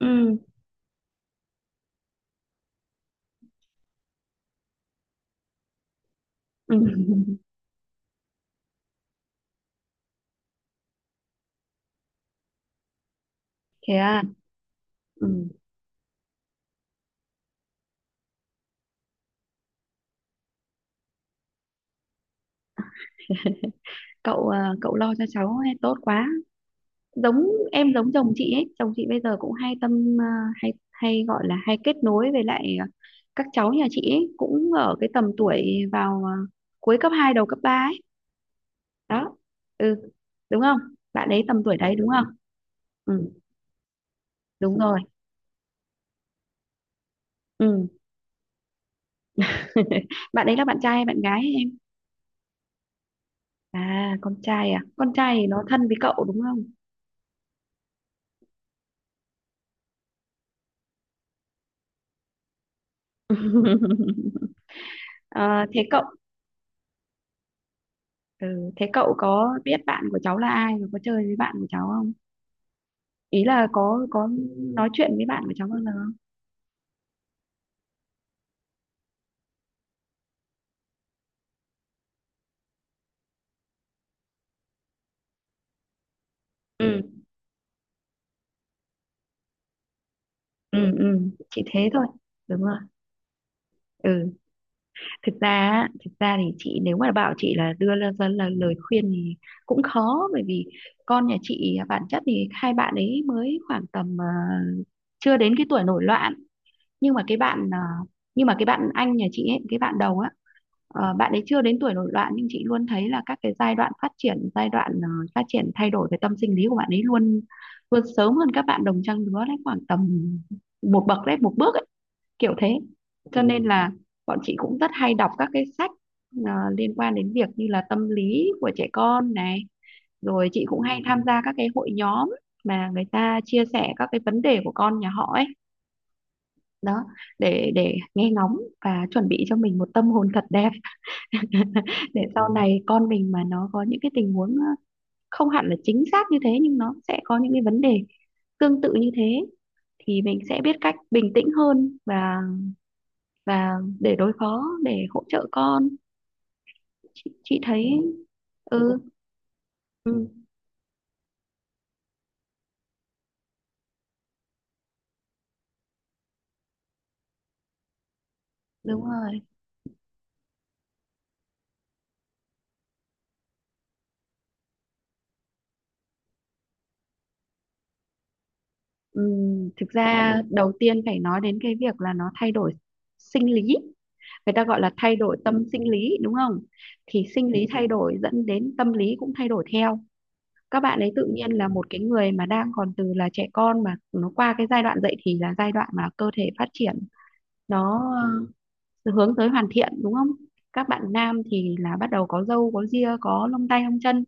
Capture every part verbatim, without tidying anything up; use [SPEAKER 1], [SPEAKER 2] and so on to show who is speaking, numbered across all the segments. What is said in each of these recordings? [SPEAKER 1] Ừ, ừ. Thế à? Ừ. Cậu à, cậu lo cho cháu ấy, tốt quá. giống em giống chồng chị ấy, chồng chị bây giờ cũng hay tâm à, hay hay gọi là hay kết nối với lại à, các cháu nhà chị ấy cũng ở cái tầm tuổi vào à, cuối cấp hai đầu cấp ba ấy đó. Ừ. Đúng không? Bạn ấy tầm tuổi đấy, đúng không? Ừ, đúng rồi. Ừ. Bạn ấy là bạn trai hay bạn gái ấy, em? À, con trai. À, con trai thì nó thân với cậu đúng không? Ờ, thế cậu Ừ, thế cậu có biết bạn của cháu là ai và có chơi với bạn của cháu không? Ý là có có nói chuyện với bạn của cháu bao giờ không? Ừ, ừ, ừ, chỉ thế thôi. Đúng rồi. Ừ, thực ra á, thực ra thì chị nếu mà bảo chị là đưa ra, ra là lời khuyên thì cũng khó bởi vì con nhà chị bản chất thì hai bạn ấy mới khoảng tầm ờ, chưa đến cái tuổi nổi loạn, nhưng mà cái bạn à, nhưng mà cái bạn anh nhà chị ấy, cái bạn đầu á, ờ, bạn ấy chưa đến tuổi nổi loạn nhưng chị luôn thấy là các cái giai đoạn phát triển giai đoạn ờ, phát triển thay đổi về tâm sinh lý của bạn ấy luôn luôn sớm hơn các bạn đồng trang lứa đấy, khoảng tầm một bậc đấy một bước ấy, kiểu thế. Cho nên ừ. là bọn chị cũng rất hay đọc các cái sách ờ, liên quan đến việc như là tâm lý của trẻ con này, rồi chị cũng hay tham gia các cái hội nhóm mà người ta chia sẻ các cái vấn đề của con nhà họ ấy đó, để để nghe ngóng và chuẩn bị cho mình một tâm hồn thật đẹp, để sau Ừ. này con mình mà nó có những cái tình huống ờ, không hẳn là chính xác như thế nhưng nó sẽ có những cái vấn đề tương tự như thế thì mình sẽ biết cách bình tĩnh hơn và và để đối phó, để hỗ trợ con. Chị, chị thấy. Ừ, ừ, đúng rồi. Ừ, thực ra đầu tiên phải nói đến cái việc là nó thay đổi sinh lý, người ta gọi là thay đổi tâm sinh lý đúng không? Thì sinh Ừ. lý thay đổi dẫn đến tâm lý cũng thay đổi theo. Các bạn ấy tự nhiên là một cái người mà đang còn từ là trẻ con mà nó qua cái giai đoạn dậy thì, là giai đoạn mà cơ thể phát triển, nó ờ, hướng tới hoàn thiện đúng không? Các bạn nam thì là bắt đầu có râu có ria có lông tay lông chân,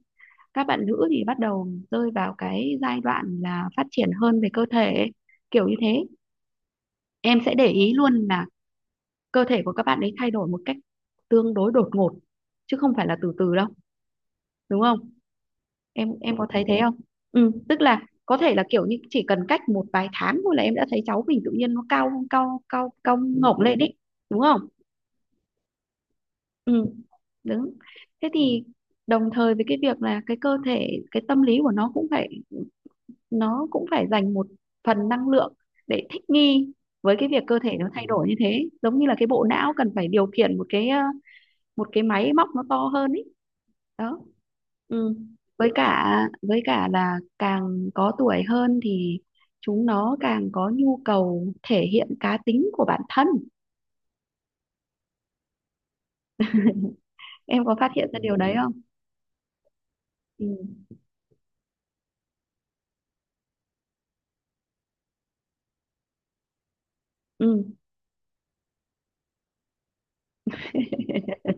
[SPEAKER 1] các bạn nữ thì bắt đầu rơi vào cái giai đoạn là phát triển hơn về cơ thể, kiểu như thế. Em sẽ để ý luôn là cơ thể của các bạn ấy thay đổi một cách tương đối đột ngột chứ không phải là từ từ đâu, đúng không? Em em có thấy thế không? Ừ, tức là có thể là kiểu như chỉ cần cách một vài tháng thôi là em đã thấy cháu mình tự nhiên nó cao cao cao cao ngổng lên đấy, đúng không? Ừ, đúng. Thế thì đồng thời với cái việc là cái cơ thể, cái tâm lý của nó cũng phải, nó cũng phải dành một phần năng lượng để thích nghi với cái việc cơ thể nó thay đổi như thế, giống như là cái bộ não cần phải điều khiển một cái ờ, một cái máy móc nó to hơn ấy đó. Ừ. với cả với cả là càng có tuổi hơn thì chúng nó càng có nhu cầu thể hiện cá tính của bản thân, em có phát hiện ra điều đấy không? Ừ, ừ.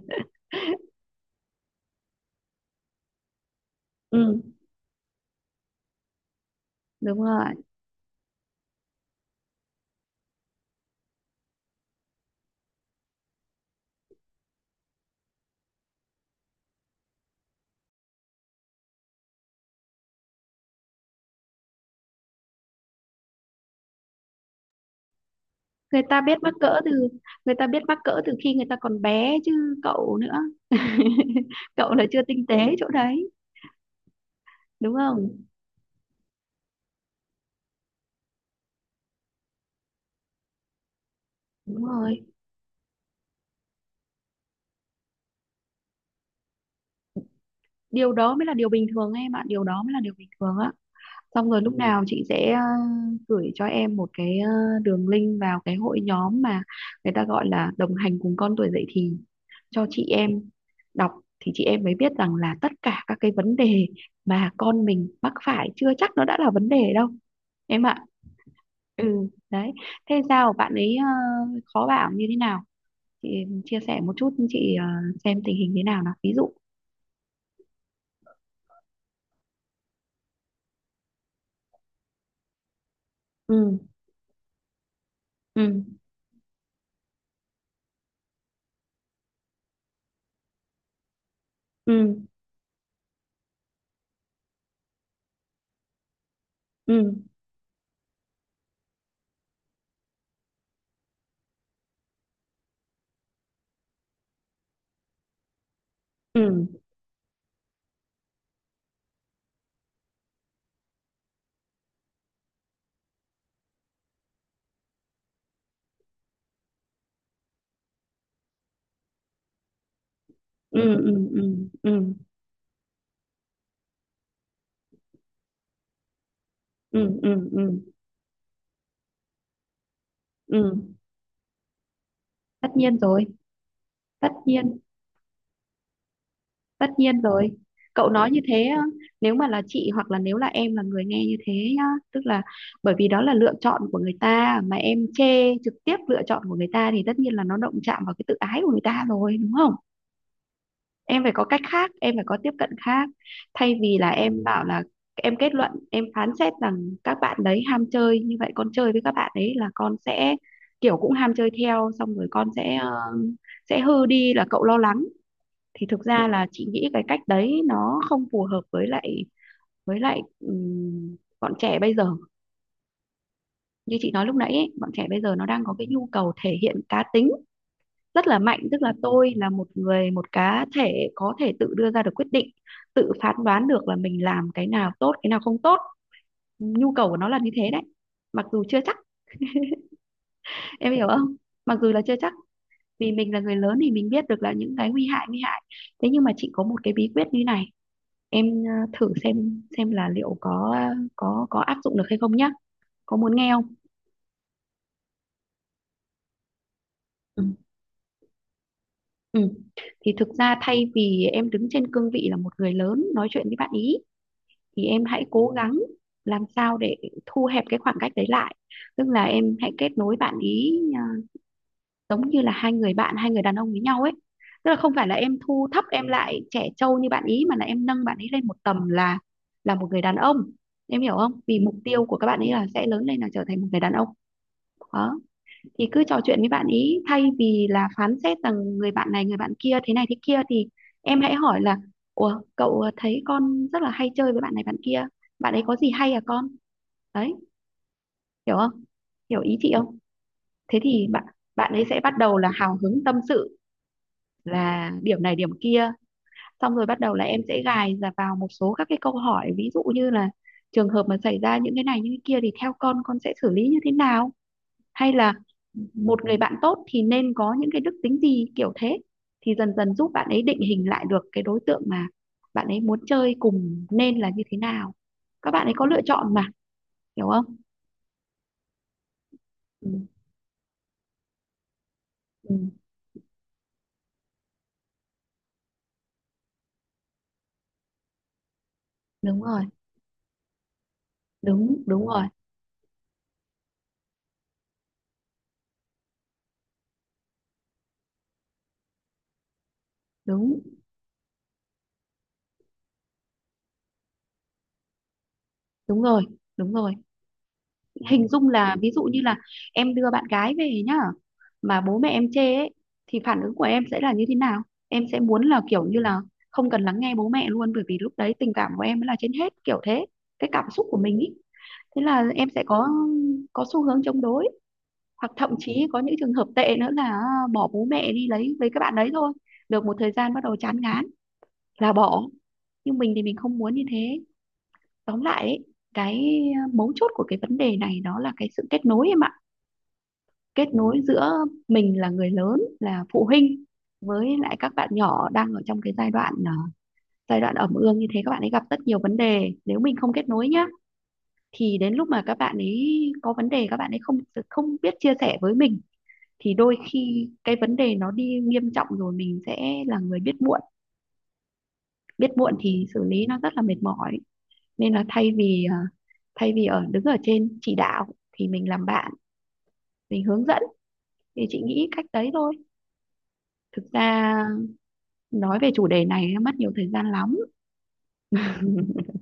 [SPEAKER 1] Ừ, đúng rồi. người ta biết mắc cỡ từ Người ta biết mắc cỡ từ khi người ta còn bé chứ, cậu nữa. Cậu là chưa tinh tế chỗ đấy, đúng không? Đúng rồi. Điều đó mới là điều bình thường em ạ, điều đó mới là điều bình thường á. Xong rồi lúc nào chị sẽ ờ, gửi cho em một cái ờ, đường link vào cái hội nhóm mà người ta gọi là đồng hành cùng con tuổi dậy thì, cho chị em đọc thì chị em mới biết rằng là tất cả các cái vấn đề mà con mình mắc phải chưa chắc nó đã là vấn đề đâu em ạ. Ừ, đấy. Thế sao bạn ấy ờ, khó bảo như thế nào chị chia sẻ một chút chị ờ, xem tình hình thế nào nào, ví dụ. Ừ, ừ, ừ, ừ, ừ, ừ, ừ, ừ, ừ, ừ, ừ, ừ, ừ, tất nhiên rồi, tất nhiên, tất nhiên rồi. Cậu nói như thế á, nếu mà là chị hoặc là nếu là em là người nghe như thế nhá, tức là bởi vì đó là lựa chọn của người ta mà em chê trực tiếp lựa chọn của người ta thì tất nhiên là nó động chạm vào cái tự ái của người ta rồi, đúng không? Em phải có cách khác, em phải có tiếp cận khác thay vì là em bảo là em kết luận em phán xét rằng các bạn đấy ham chơi như vậy, con chơi với các bạn ấy là con sẽ kiểu cũng ham chơi theo, xong rồi con sẽ ờ, sẽ hư đi, là cậu lo lắng. Thì thực ra là chị nghĩ cái cách đấy nó không phù hợp với lại với lại ừm, bọn trẻ bây giờ, như chị nói lúc nãy ấy, bọn trẻ bây giờ nó đang có cái nhu cầu thể hiện cá tính rất là mạnh, tức là tôi là một người, một cá thể có thể tự đưa ra được quyết định, tự phán đoán được là mình làm cái nào tốt, cái nào không tốt. Nhu cầu của nó là như thế đấy, mặc dù chưa chắc, em hiểu không? Mặc dù là chưa chắc vì mình là người lớn thì mình biết được là những cái nguy hại nguy hại. Thế nhưng mà chị có một cái bí quyết như này, em ờ, thử xem xem là liệu có có có áp dụng được hay không nhá, có muốn nghe không? Ừ. Ừ. Thì thực ra thay vì em đứng trên cương vị là một người lớn nói chuyện với bạn ý thì em hãy cố gắng làm sao để thu hẹp cái khoảng cách đấy lại, tức là em hãy kết nối bạn ý à, giống như là hai người bạn, hai người đàn ông với nhau ấy, tức là không phải là em thu thấp em lại trẻ trâu như bạn ý mà là em nâng bạn ý lên một tầm là là một người đàn ông. Em hiểu không? Vì mục tiêu của các bạn ấy là sẽ lớn lên là trở thành một người đàn ông đó. Thì cứ trò chuyện với bạn ý thay vì là phán xét rằng người bạn này người bạn kia thế này thế kia thì em hãy hỏi là ủa cậu thấy con rất là hay chơi với bạn này bạn kia, bạn ấy có gì hay à con, đấy, hiểu không? Hiểu ý chị không? Thế thì bạn bạn ấy sẽ bắt đầu là hào hứng tâm sự là điểm này điểm kia, xong rồi bắt đầu là em sẽ gài ra vào một số các cái câu hỏi ví dụ như là trường hợp mà xảy ra những cái này những cái kia thì theo con con sẽ xử lý như thế nào, hay là một người bạn tốt thì nên có những cái đức tính gì, kiểu thế, thì dần dần giúp bạn ấy định hình lại được cái đối tượng mà bạn ấy muốn chơi cùng nên là như thế nào. Các bạn ấy có lựa chọn mà, hiểu không? Ừ, ừ, đúng rồi, đúng đúng rồi, đúng đúng rồi, đúng rồi. Hình dung là ví dụ như là em đưa bạn gái về nhá mà bố mẹ em chê ấy thì phản ứng của em sẽ là như thế nào? Em sẽ muốn là kiểu như là không cần lắng nghe bố mẹ luôn bởi vì lúc đấy tình cảm của em mới là trên hết, kiểu thế, cái cảm xúc của mình ý. Thế là em sẽ có có xu hướng chống đối, hoặc thậm chí có những trường hợp tệ nữa là à, bỏ bố mẹ đi lấy với các bạn đấy thôi, được một thời gian bắt đầu chán ngán là bỏ, nhưng mình thì mình không muốn như thế. Tóm lại ấy, cái à, mấu chốt của cái vấn đề này đó là cái sự kết nối em ạ. Kết nối giữa mình là người lớn là phụ huynh với lại các bạn nhỏ đang ở trong cái giai đoạn à, giai đoạn ẩm ương như thế, các bạn ấy gặp rất nhiều vấn đề, nếu mình không kết nối nhá thì đến lúc mà các bạn ấy có vấn đề các bạn ấy không không biết chia sẻ với mình thì đôi khi cái vấn đề nó đi nghiêm trọng rồi mình sẽ là người biết muộn, biết muộn thì xử lý nó rất là mệt mỏi. Nên là thay vì à, thay vì ở đứng ở trên chỉ đạo thì mình làm bạn, mình hướng dẫn, thì chị nghĩ cách đấy thôi. Thực ra nói về chủ đề này nó mất nhiều thời gian lắm.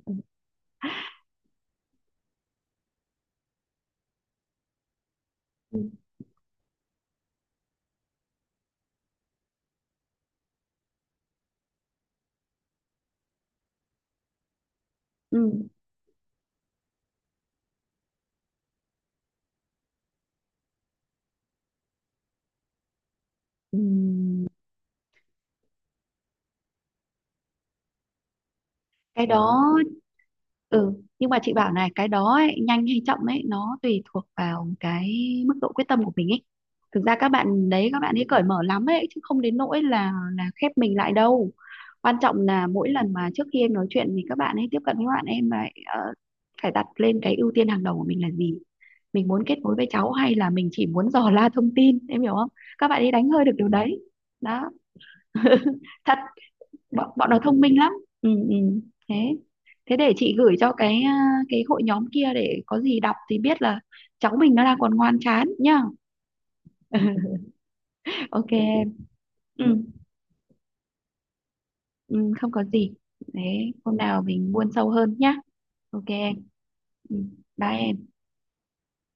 [SPEAKER 1] Ừ, ừ, ừ. Cái đó. Ừ, nhưng mà chị bảo này, cái đó ấy, nhanh hay chậm ấy nó tùy thuộc vào cái mức độ quyết tâm của mình ấy. Thực ra các bạn đấy, các bạn ấy cởi mở lắm ấy chứ không đến nỗi là là khép mình lại đâu. Quan trọng là mỗi lần mà trước khi em nói chuyện thì các bạn ấy tiếp cận với bạn em lại ờ, phải đặt lên cái ưu tiên hàng đầu của mình là gì, mình muốn kết nối với cháu hay là mình chỉ muốn dò la thông tin, em hiểu không? Các bạn ấy đánh hơi được điều đấy đó, thật, bọn bọn nó thông minh lắm. Ừ, ừ. thế thế để chị gửi cho cái à, cái hội nhóm kia để có gì đọc thì biết là cháu mình nó đang còn ngoan chán nhá. Ok em. Ừ, ừ, không có gì. Thế hôm nào mình buôn sâu hơn nhá. Ok em. Ừ, bye em.